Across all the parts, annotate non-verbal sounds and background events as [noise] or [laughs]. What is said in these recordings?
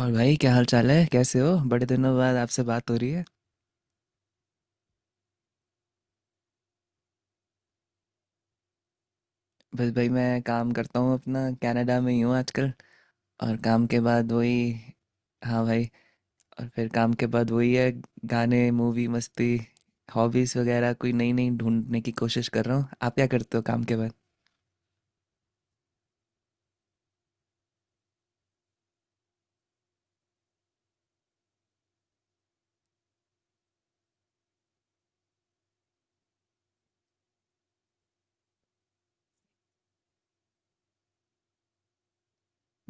और भाई क्या हाल चाल है, कैसे हो? बड़े दिनों बाद आपसे बात हो रही है। बस भाई, मैं काम करता हूँ, अपना कनाडा में ही हूँ आजकल। और काम के बाद वही। हाँ भाई। और फिर काम के बाद वही है। गाने, मूवी, मस्ती। हॉबीज़ वगैरह कोई नई नई ढूंढने की कोशिश कर रहा हूँ। आप क्या करते हो काम के बाद?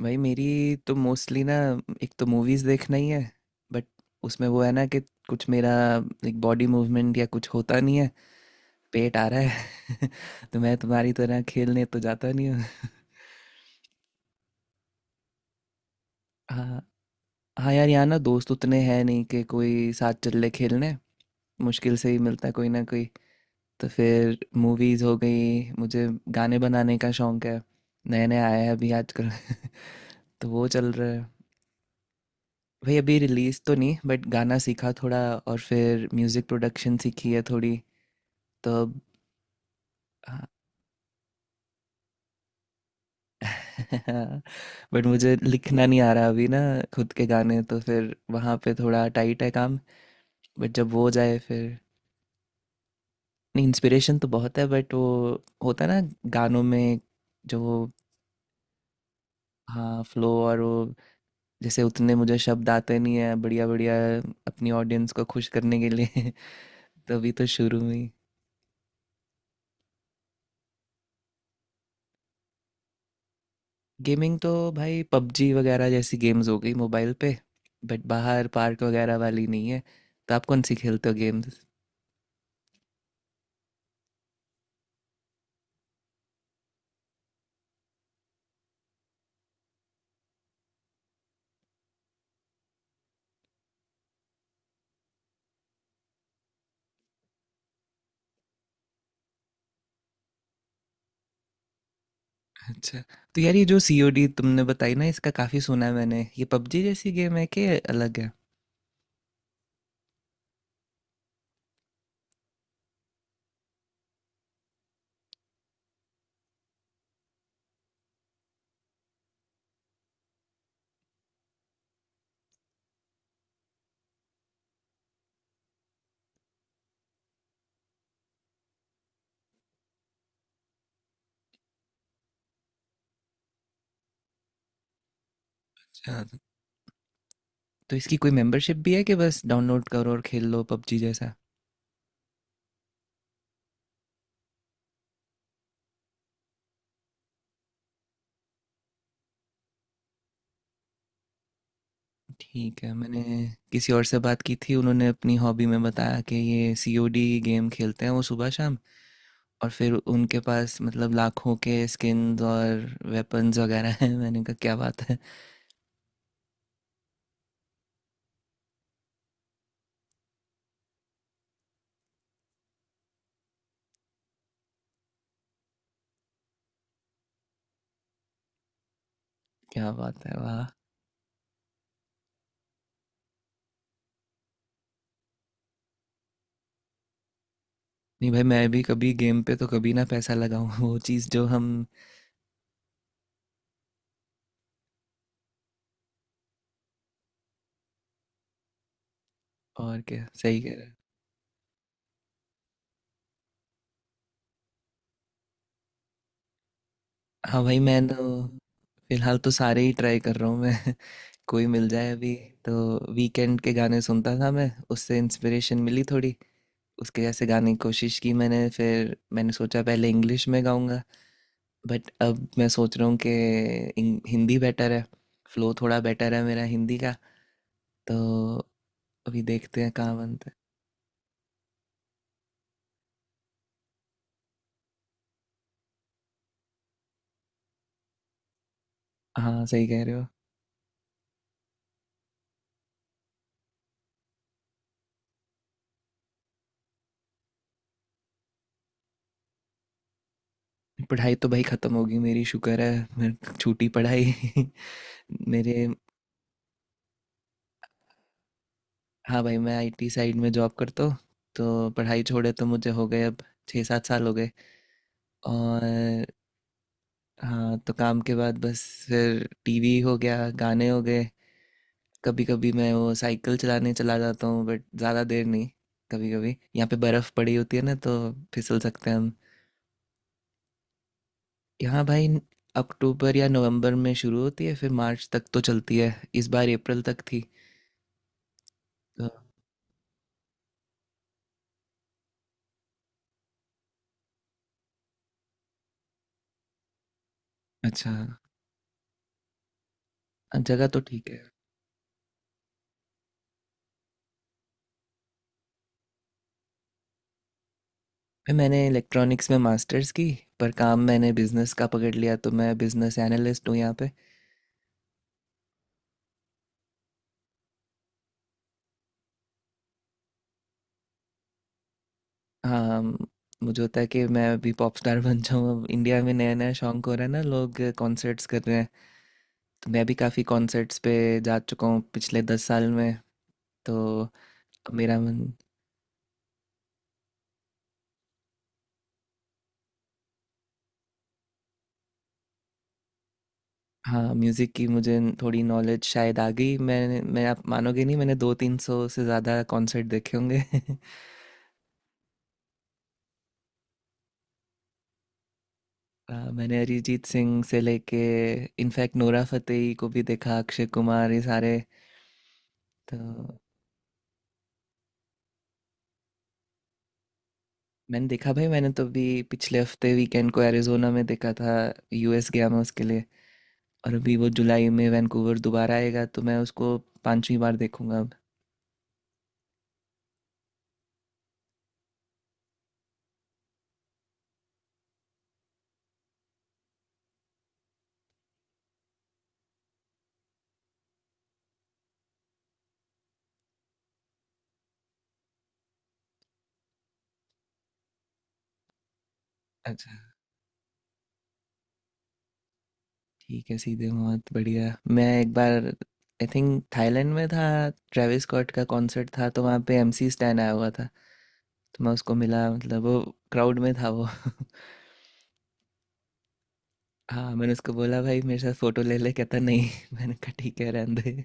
भाई मेरी तो मोस्टली ना, एक तो मूवीज़ देखना ही है। बट उसमें वो है ना कि कुछ मेरा एक बॉडी मूवमेंट या कुछ होता नहीं है। पेट आ रहा है [laughs] तो मैं तुम्हारी तरह खेलने तो जाता नहीं हूँ। [laughs] हाँ। हाँ यार, यहाँ ना दोस्त उतने हैं नहीं कि कोई साथ चल ले खेलने। मुश्किल से ही मिलता है कोई ना कोई। तो फिर मूवीज़ हो गई मुझे। गाने बनाने का शौक है। नए नए आए हैं अभी आजकल। [laughs] तो वो चल रहा है। भाई अभी रिलीज़ तो नहीं, बट गाना सीखा थोड़ा और फिर म्यूज़िक प्रोडक्शन सीखी है थोड़ी। तो अब हाँ। [laughs] बट मुझे लिखना नहीं आ रहा अभी ना। खुद के गाने तो फिर वहाँ पे थोड़ा टाइट है काम। बट जब वो हो जाए फिर। नहीं, इंस्पिरेशन तो बहुत है, बट वो होता है ना गानों में, जो वो। हाँ फ्लो और वो, जैसे उतने मुझे शब्द आते नहीं है बढ़िया बढ़िया, अपनी ऑडियंस को खुश करने के लिए। [laughs] तो अभी तो शुरू में ही। गेमिंग तो भाई पबजी वगैरह जैसी गेम्स हो गई मोबाइल पे। बट बाहर पार्क वगैरह वाली नहीं है। तो आप कौन सी खेलते हो गेम्स? अच्छा, तो यार ये जो सीओडी तुमने बताई ना, इसका काफ़ी सुना है मैंने, ये पबजी जैसी गेम है कि अलग है? अच्छा, तो इसकी कोई मेंबरशिप भी है कि बस डाउनलोड करो और खेल लो पबजी जैसा? ठीक है, मैंने किसी और से बात की थी, उन्होंने अपनी हॉबी में बताया कि ये सीओडी गेम खेलते हैं वो सुबह शाम। और फिर उनके पास मतलब लाखों के स्किन्स और वेपन्स वगैरह हैं। [laughs] मैंने कहा क्या बात है, वाह! नहीं भाई, मैं भी कभी गेम पे तो कभी ना पैसा लगाऊं [laughs] वो चीज़ जो हम। और क्या, सही कह रहे हैं। हाँ भाई मैं तो फिलहाल तो सारे ही ट्राई कर रहा हूँ मैं। [laughs] कोई मिल जाए अभी। तो वीकेंड के गाने सुनता था मैं, उससे इंस्पिरेशन मिली थोड़ी। उसके जैसे गाने की कोशिश की मैंने, फिर मैंने सोचा पहले इंग्लिश में गाऊंगा। बट अब मैं सोच रहा हूँ कि हिंदी बेटर है। फ्लो थोड़ा बेटर है मेरा हिंदी का। तो अभी देखते हैं कहाँ बनता है। हाँ, सही कह रहे हो। पढ़ाई तो भाई ख़त्म होगी मेरी, शुक्र है मेरे छूटी पढ़ाई। [laughs] मेरे, हाँ भाई मैं आईटी साइड में जॉब करता हूँ। तो पढ़ाई छोड़े तो मुझे हो गए अब 6 7 साल हो गए। और हाँ, तो काम के बाद बस फिर टीवी हो गया, गाने हो गए। कभी कभी मैं वो साइकिल चलाने चला जाता हूँ बट ज़्यादा देर नहीं। कभी कभी यहाँ पे बर्फ़ पड़ी होती है ना, तो फिसल सकते हैं हम। यहाँ भाई अक्टूबर या नवंबर में शुरू होती है, फिर मार्च तक तो चलती है। इस बार अप्रैल तक थी। तो अच्छा, जगह तो ठीक है। मैंने इलेक्ट्रॉनिक्स में मास्टर्स की, पर काम मैंने बिजनेस का पकड़ लिया, तो मैं बिजनेस एनालिस्ट हूँ यहाँ पे। हाँ, मुझे होता है कि मैं अभी पॉप स्टार [laughs] बन जाऊँ। अब इंडिया में नया नया शौक हो रहा है ना, लोग कॉन्सर्ट्स कर रहे हैं। तो मैं भी काफ़ी कॉन्सर्ट्स पे जा चुका हूँ पिछले 10 साल में। तो अब मेरा मन। हाँ, म्यूज़िक की मुझे थोड़ी नॉलेज शायद आ गई। मैंने, मैं आप मानोगे नहीं, मैंने दो तीन सौ से ज़्यादा कॉन्सर्ट देखे होंगे। [laughs] मैंने अरिजीत सिंह से लेके इनफैक्ट नोरा फतेही को भी देखा, अक्षय कुमार, ये सारे। तो मैंने देखा भाई, मैंने तो अभी पिछले हफ्ते वीकेंड को एरिजोना में देखा था। यूएस गया मैं उसके लिए। और अभी वो जुलाई में वैंकूवर दोबारा आएगा, तो मैं उसको 5वीं बार देखूंगा अब। अच्छा, ठीक है, सीधे बहुत बढ़िया। मैं एक बार आई थिंक थाईलैंड में था, ट्रेविस स्कॉट का कॉन्सर्ट था, तो वहाँ पे एमसी स्टैन आया हुआ था। तो मैं उसको मिला, मतलब वो क्राउड में था वो। [laughs] हाँ, मैंने उसको बोला भाई मेरे साथ फोटो ले ले, कहता नहीं। [laughs] मैंने कहा ठीक है रहने दे।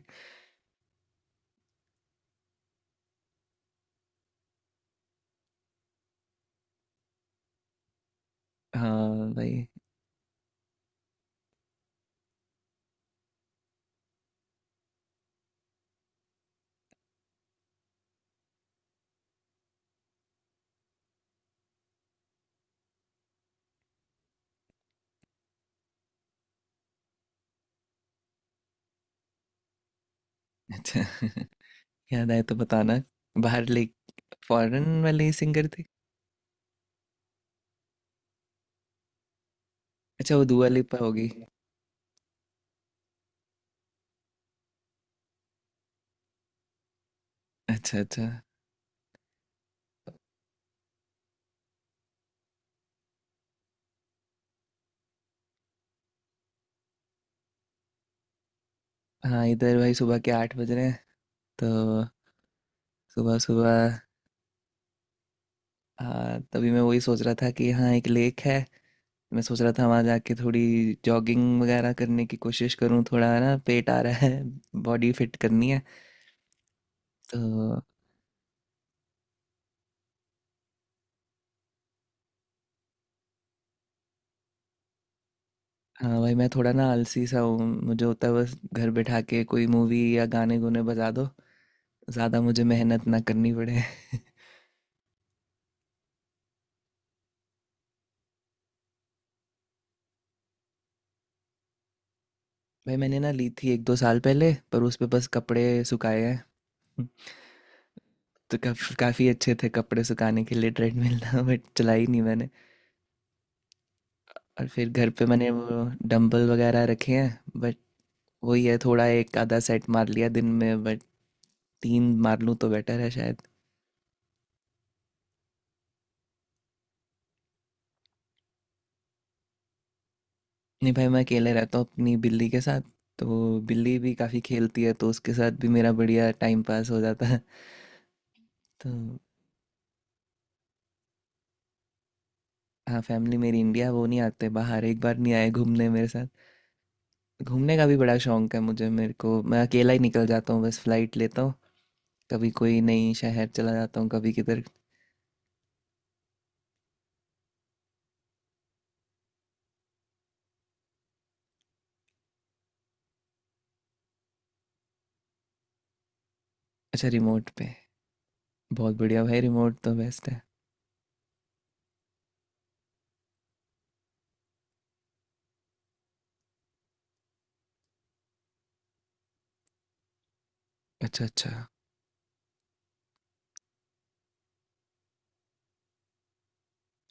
हाँ भाई। अच्छा। [laughs] याद आए तो बताना। बाहर ले, फॉरेन वाली सिंगर थी। अच्छा, वो दुआ लिपा होगी। अच्छा अच्छा। हाँ इधर भाई सुबह के 8 बज रहे हैं। तो सुबह सुबह हाँ, तभी मैं वही सोच रहा था कि यहाँ एक लेक है। मैं सोच रहा था वहाँ जाके थोड़ी जॉगिंग वगैरह करने की कोशिश करूँ, थोड़ा ना पेट आ रहा है, बॉडी फिट करनी है। तो हाँ भाई, मैं थोड़ा ना आलसी सा हूँ, मुझे होता है बस घर बैठा के कोई मूवी या गाने गुने बजा दो, ज़्यादा मुझे मेहनत ना करनी पड़े। [laughs] भाई मैंने ना ली थी 1 2 साल पहले, पर उस पे बस कपड़े सुखाए हैं। [laughs] तो काफ़ी अच्छे थे कपड़े सुखाने के लिए, ट्रेडमिल था बट चलाई नहीं मैंने। और फिर घर पे मैंने वो डंबल वगैरह रखे हैं, बट वही है थोड़ा एक आधा सेट मार लिया दिन में, बट तीन मार लूँ तो बेटर है। नहीं भाई, मैं अकेले रहता हूँ अपनी बिल्ली के साथ। तो बिल्ली भी काफ़ी खेलती है, तो उसके साथ भी मेरा बढ़िया टाइम पास हो जाता है। तो हाँ, फैमिली मेरी इंडिया, वो नहीं आते बाहर, एक बार नहीं आए घूमने मेरे साथ। घूमने का भी बड़ा शौक है मुझे, मेरे को मैं अकेला ही निकल जाता हूँ, बस फ्लाइट लेता हूँ कभी कोई नई शहर चला जाता हूँ, कभी किधर। अच्छा रिमोट पे, बहुत बढ़िया भाई, रिमोट तो बेस्ट है। अच्छा अच्छा।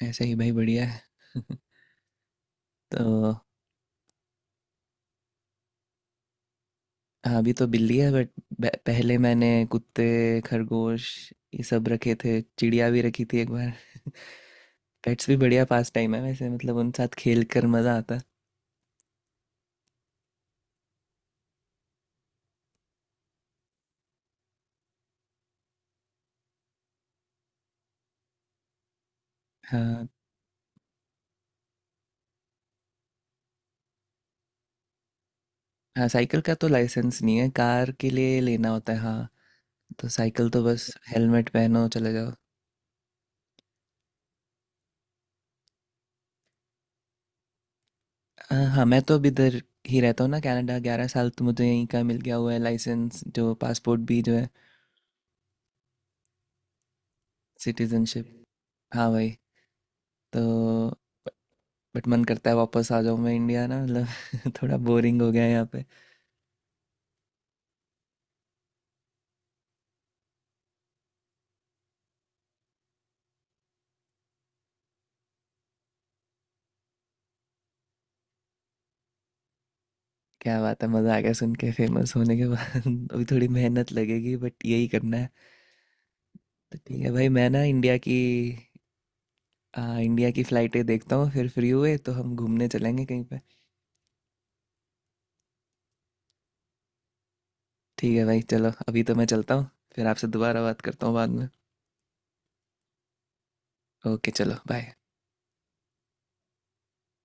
ऐसे ही भाई बढ़िया है। [laughs] तो हाँ, अभी तो बिल्ली है, बट पहले मैंने कुत्ते, खरगोश, ये सब रखे थे, चिड़िया भी रखी थी एक बार। पेट्स भी बढ़िया पास टाइम है वैसे, मतलब उन साथ खेल कर मज़ा आता है। हाँ हाँ, साइकिल का तो लाइसेंस नहीं है, कार के लिए लेना होता है हाँ। तो साइकिल तो बस हेलमेट पहनो चले जाओ। हाँ हाँ, मैं तो अब इधर ही रहता हूँ ना कनाडा, 11 साल तो मुझे, यहीं का मिल गया हुआ है लाइसेंस, जो पासपोर्ट भी जो है। सिटीजनशिप हाँ भाई। तो बट मन करता है वापस आ जाऊं मैं इंडिया ना, मतलब [laughs] थोड़ा बोरिंग हो गया है यहाँ पे। क्या बात है, मज़ा आ गया सुन के, फेमस होने के बाद [laughs] अभी थोड़ी मेहनत लगेगी बट यही करना है। तो ठीक है भाई, मैं ना इंडिया की, इंडिया की फ़्लाइटें देखता हूँ, फिर फ्री हुए तो हम घूमने चलेंगे कहीं पे। ठीक है भाई चलो, अभी तो मैं चलता हूँ, फिर आपसे दोबारा बात करता हूँ बाद में। ओके चलो बाय।